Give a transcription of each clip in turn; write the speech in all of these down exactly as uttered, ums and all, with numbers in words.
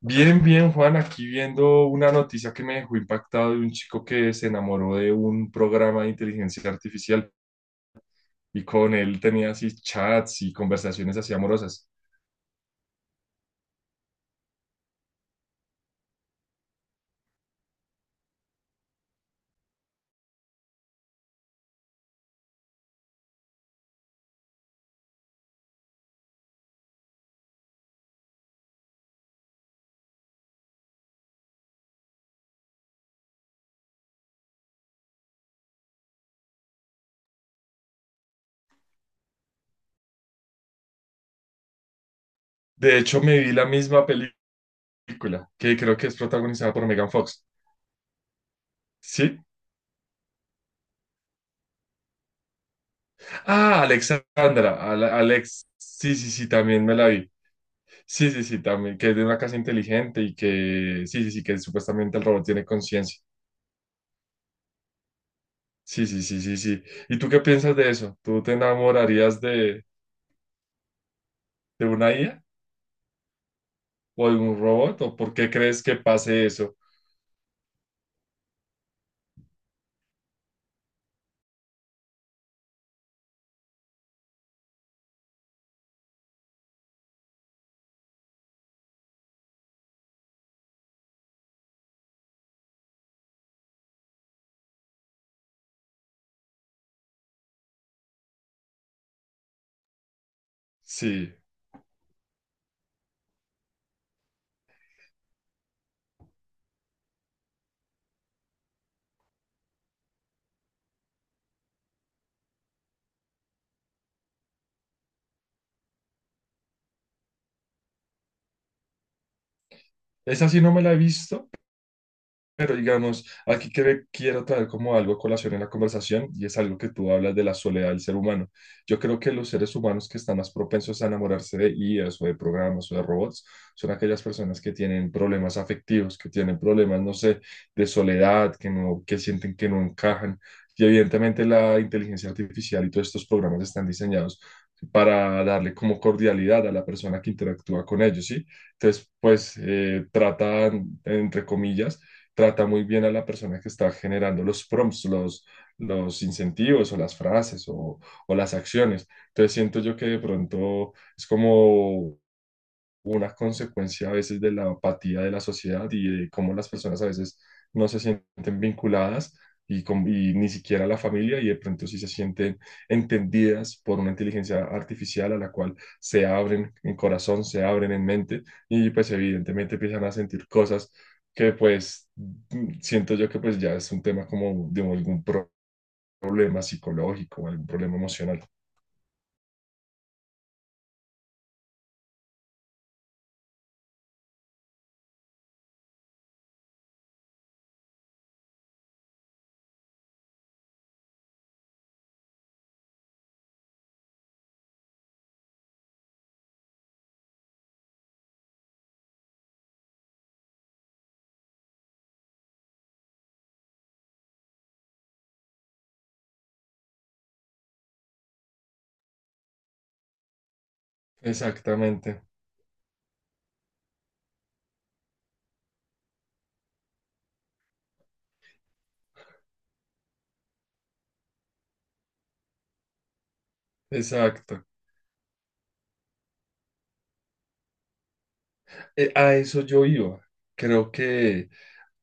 Bien, bien, Juan, aquí viendo una noticia que me dejó impactado de un chico que se enamoró de un programa de inteligencia artificial y con él tenía así chats y conversaciones así amorosas. De hecho, me vi la misma película, que creo que es protagonizada por Megan Fox. ¿Sí? Ah, Alexandra, Ale- Alex, sí, sí, sí, también me la vi. Sí, sí, sí, también, que es de una casa inteligente y que, sí, sí, sí, que supuestamente el robot tiene conciencia. Sí, sí, sí, sí, sí. ¿Y tú qué piensas de eso? ¿Tú te enamorarías de, de una I A o de un robot? ¿O por qué crees que pase eso? Sí, esa sí no me la he visto. Pero digamos, aquí que ve- quiero traer como algo a colación en la conversación, y es algo que tú hablas de la soledad del ser humano. Yo creo que los seres humanos que están más propensos a enamorarse de I As o de programas o de robots son aquellas personas que tienen problemas afectivos, que tienen problemas, no sé, de soledad, que no, que sienten que no encajan. Y evidentemente la inteligencia artificial y todos estos programas están diseñados para darle como cordialidad a la persona que interactúa con ellos, ¿sí? Entonces, pues eh, tratan, entre comillas, trata muy bien a la persona que está generando los prompts, los, los incentivos o las frases o, o las acciones. Entonces siento yo que de pronto es como una consecuencia a veces de la apatía de la sociedad y de cómo las personas a veces no se sienten vinculadas y, con- y ni siquiera la familia, y de pronto sí se sienten entendidas por una inteligencia artificial a la cual se abren en corazón, se abren en mente, y pues evidentemente empiezan a sentir cosas que pues mm, siento yo que pues ya es un tema como de algún pro- problema psicológico, algún problema emocional. Exactamente, exacto. Eh, a eso yo iba. Creo que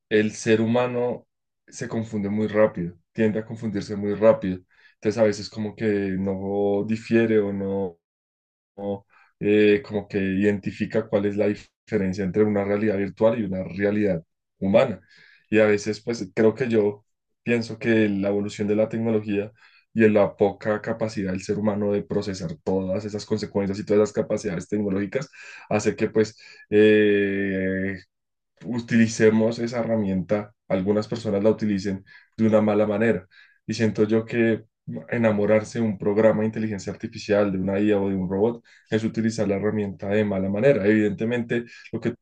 el ser humano se confunde muy rápido, tiende a confundirse muy rápido. Entonces a veces como que no difiere o no eh, como que identifica cuál es la diferencia entre una realidad virtual y una realidad humana. Y a veces pues creo que yo pienso que la evolución de la tecnología y en la poca capacidad del ser humano de procesar todas esas consecuencias y todas las capacidades tecnológicas hace que pues eh, utilicemos esa herramienta, algunas personas la utilicen de una mala manera. Y siento yo que enamorarse de un programa de inteligencia artificial, de una I A o de un robot, es utilizar la herramienta de mala manera. Evidentemente, lo que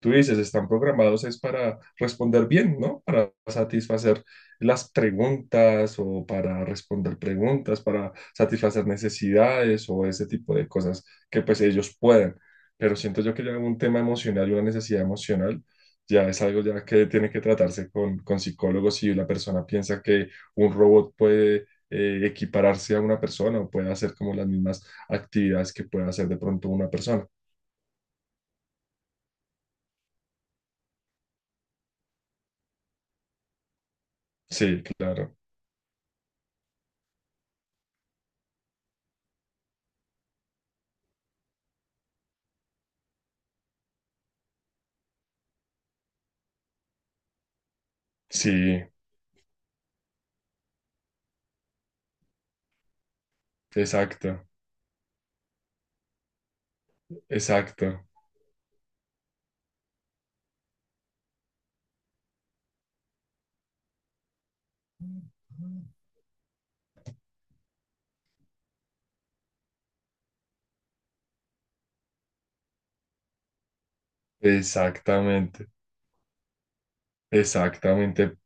tú dices, están programados es para responder bien, ¿no? Para satisfacer las preguntas o para responder preguntas, para satisfacer necesidades o ese tipo de cosas que pues ellos pueden. Pero siento yo que ya un tema emocional y una necesidad emocional ya es algo ya que tiene que tratarse con, con psicólogos si la persona piensa que un robot puede... eh, equipararse a una persona o puede hacer como las mismas actividades que puede hacer de pronto una persona. Sí, claro. Sí. Exacto, exacto, exactamente, exactamente.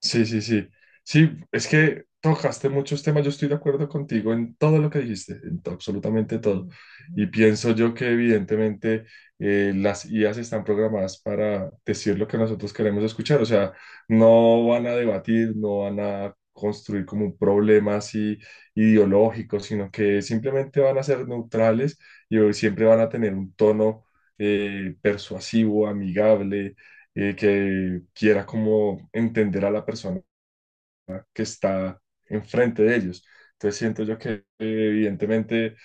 Sí, sí, sí. Sí, es que tocaste muchos temas. Yo estoy de acuerdo contigo en todo lo que dijiste, en to- absolutamente todo. Y pienso yo que evidentemente eh, las I As están programadas para decir lo que nosotros queremos escuchar. O sea, no van a debatir, no van a construir como un problema así ideológico, sino que simplemente van a ser neutrales y siempre van a tener un tono eh, persuasivo, amigable, y que quiera como entender a la persona que está enfrente de ellos. Entonces siento yo que eh, evidentemente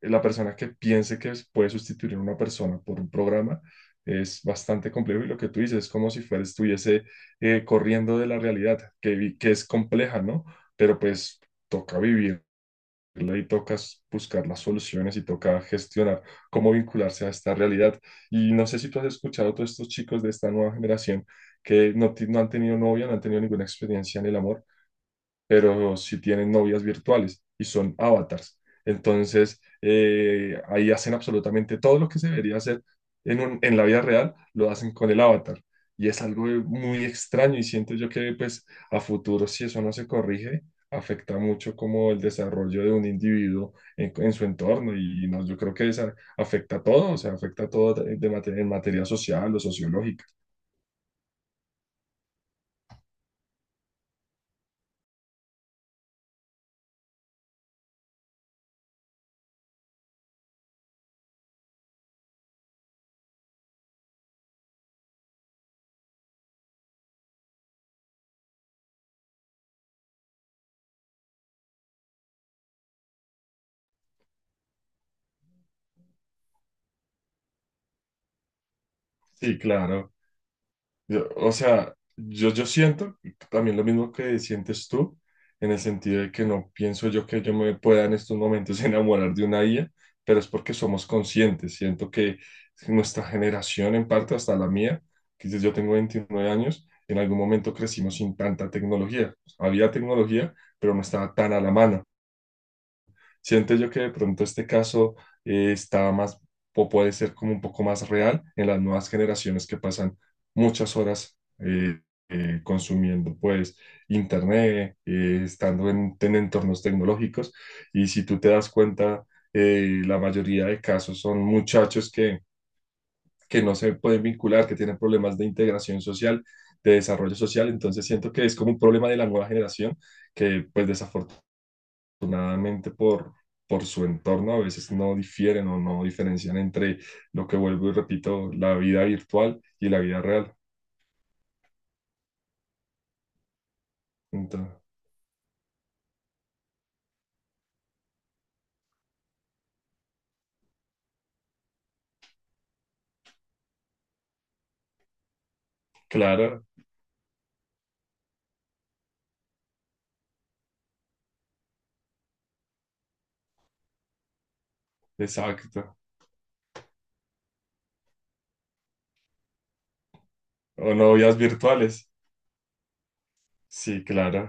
la persona que piense que puede sustituir a una persona por un programa es bastante complejo, y lo que tú dices es como si fuera, estuviese eh, corriendo de la realidad, que, vi- que es compleja, ¿no? Pero pues toca vivir y toca buscar las soluciones y toca gestionar cómo vincularse a esta realidad. Y no sé si tú has escuchado a todos estos chicos de esta nueva generación que no, ti- no han tenido novia, no han tenido ninguna experiencia en el amor, pero sí tienen novias virtuales y son avatars. Entonces, eh, ahí hacen absolutamente todo lo que se debería hacer en, un- en la vida real, lo hacen con el avatar. Y es algo muy extraño, y siento yo que pues a futuro, si eso no se corrige, afecta mucho como el desarrollo de un individuo en, en su entorno, y no, yo creo que esa afecta a todo, o sea, afecta a todo de mate- en materia social o sociológica. Sí, claro. Yo- o sea, yo, yo siento también lo mismo que sientes tú, en el sentido de que no pienso yo que yo me pueda en estos momentos enamorar de una I A, pero es porque somos conscientes. Siento que nuestra generación, en parte hasta la mía, que yo yo tengo veintinueve años, en algún momento crecimos sin tanta tecnología. Había tecnología, pero no estaba tan a la mano. Siento yo que de pronto este caso eh, está más o puede ser como un poco más real en las nuevas generaciones que pasan muchas horas eh, eh, consumiendo pues internet, eh, estando en, en entornos tecnológicos. Y si tú te das cuenta, eh, la mayoría de casos son muchachos que, que no se pueden vincular, que tienen problemas de integración social, de desarrollo social. Entonces siento que es como un problema de la nueva generación que pues desafortunadamente afortunadamente por, por su entorno, a veces no difieren o no diferencian entre lo que vuelvo y repito, la vida virtual y la vida real. Entonces, claro, exacto. O novias virtuales. Sí, claro,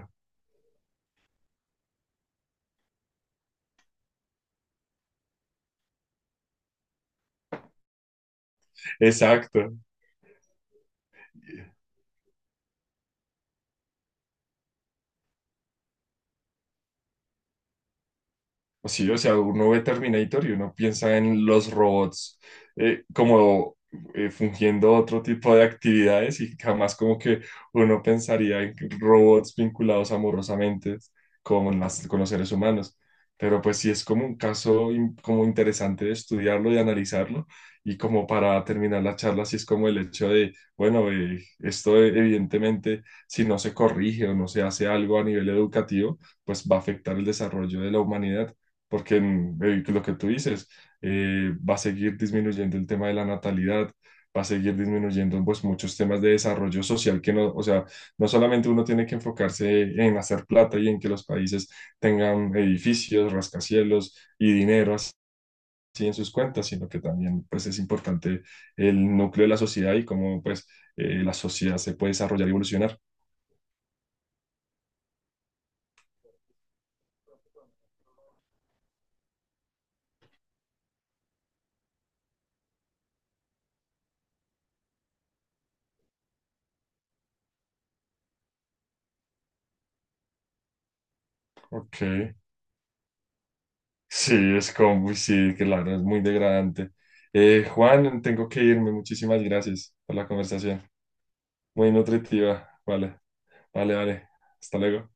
exacto. Sí, o sea, uno ve Terminator y uno piensa en los robots eh, como eh, fungiendo otro tipo de actividades, y jamás como que uno pensaría en robots vinculados amorosamente con las, con los seres humanos. Pero pues sí es como un caso in- como interesante de estudiarlo y analizarlo. Y como para terminar la charla, sí es como el hecho de, bueno, eh, esto evidentemente, si no se corrige o no se hace algo a nivel educativo, pues va a afectar el desarrollo de la humanidad porque en- eh, lo que tú dices, eh, va a seguir disminuyendo el tema de la natalidad, va a seguir disminuyendo pues muchos temas de desarrollo social que no, o sea, no solamente uno tiene que enfocarse en hacer plata y en que los países tengan edificios, rascacielos y dinero así en sus cuentas, sino que también pues es importante el núcleo de la sociedad y cómo pues eh, la sociedad se puede desarrollar y evolucionar. Ok. Sí, es como, uy, sí, claro, es muy degradante. Eh, Juan, tengo que irme. Muchísimas gracias por la conversación. Muy nutritiva. Vale, vale, vale. Hasta luego.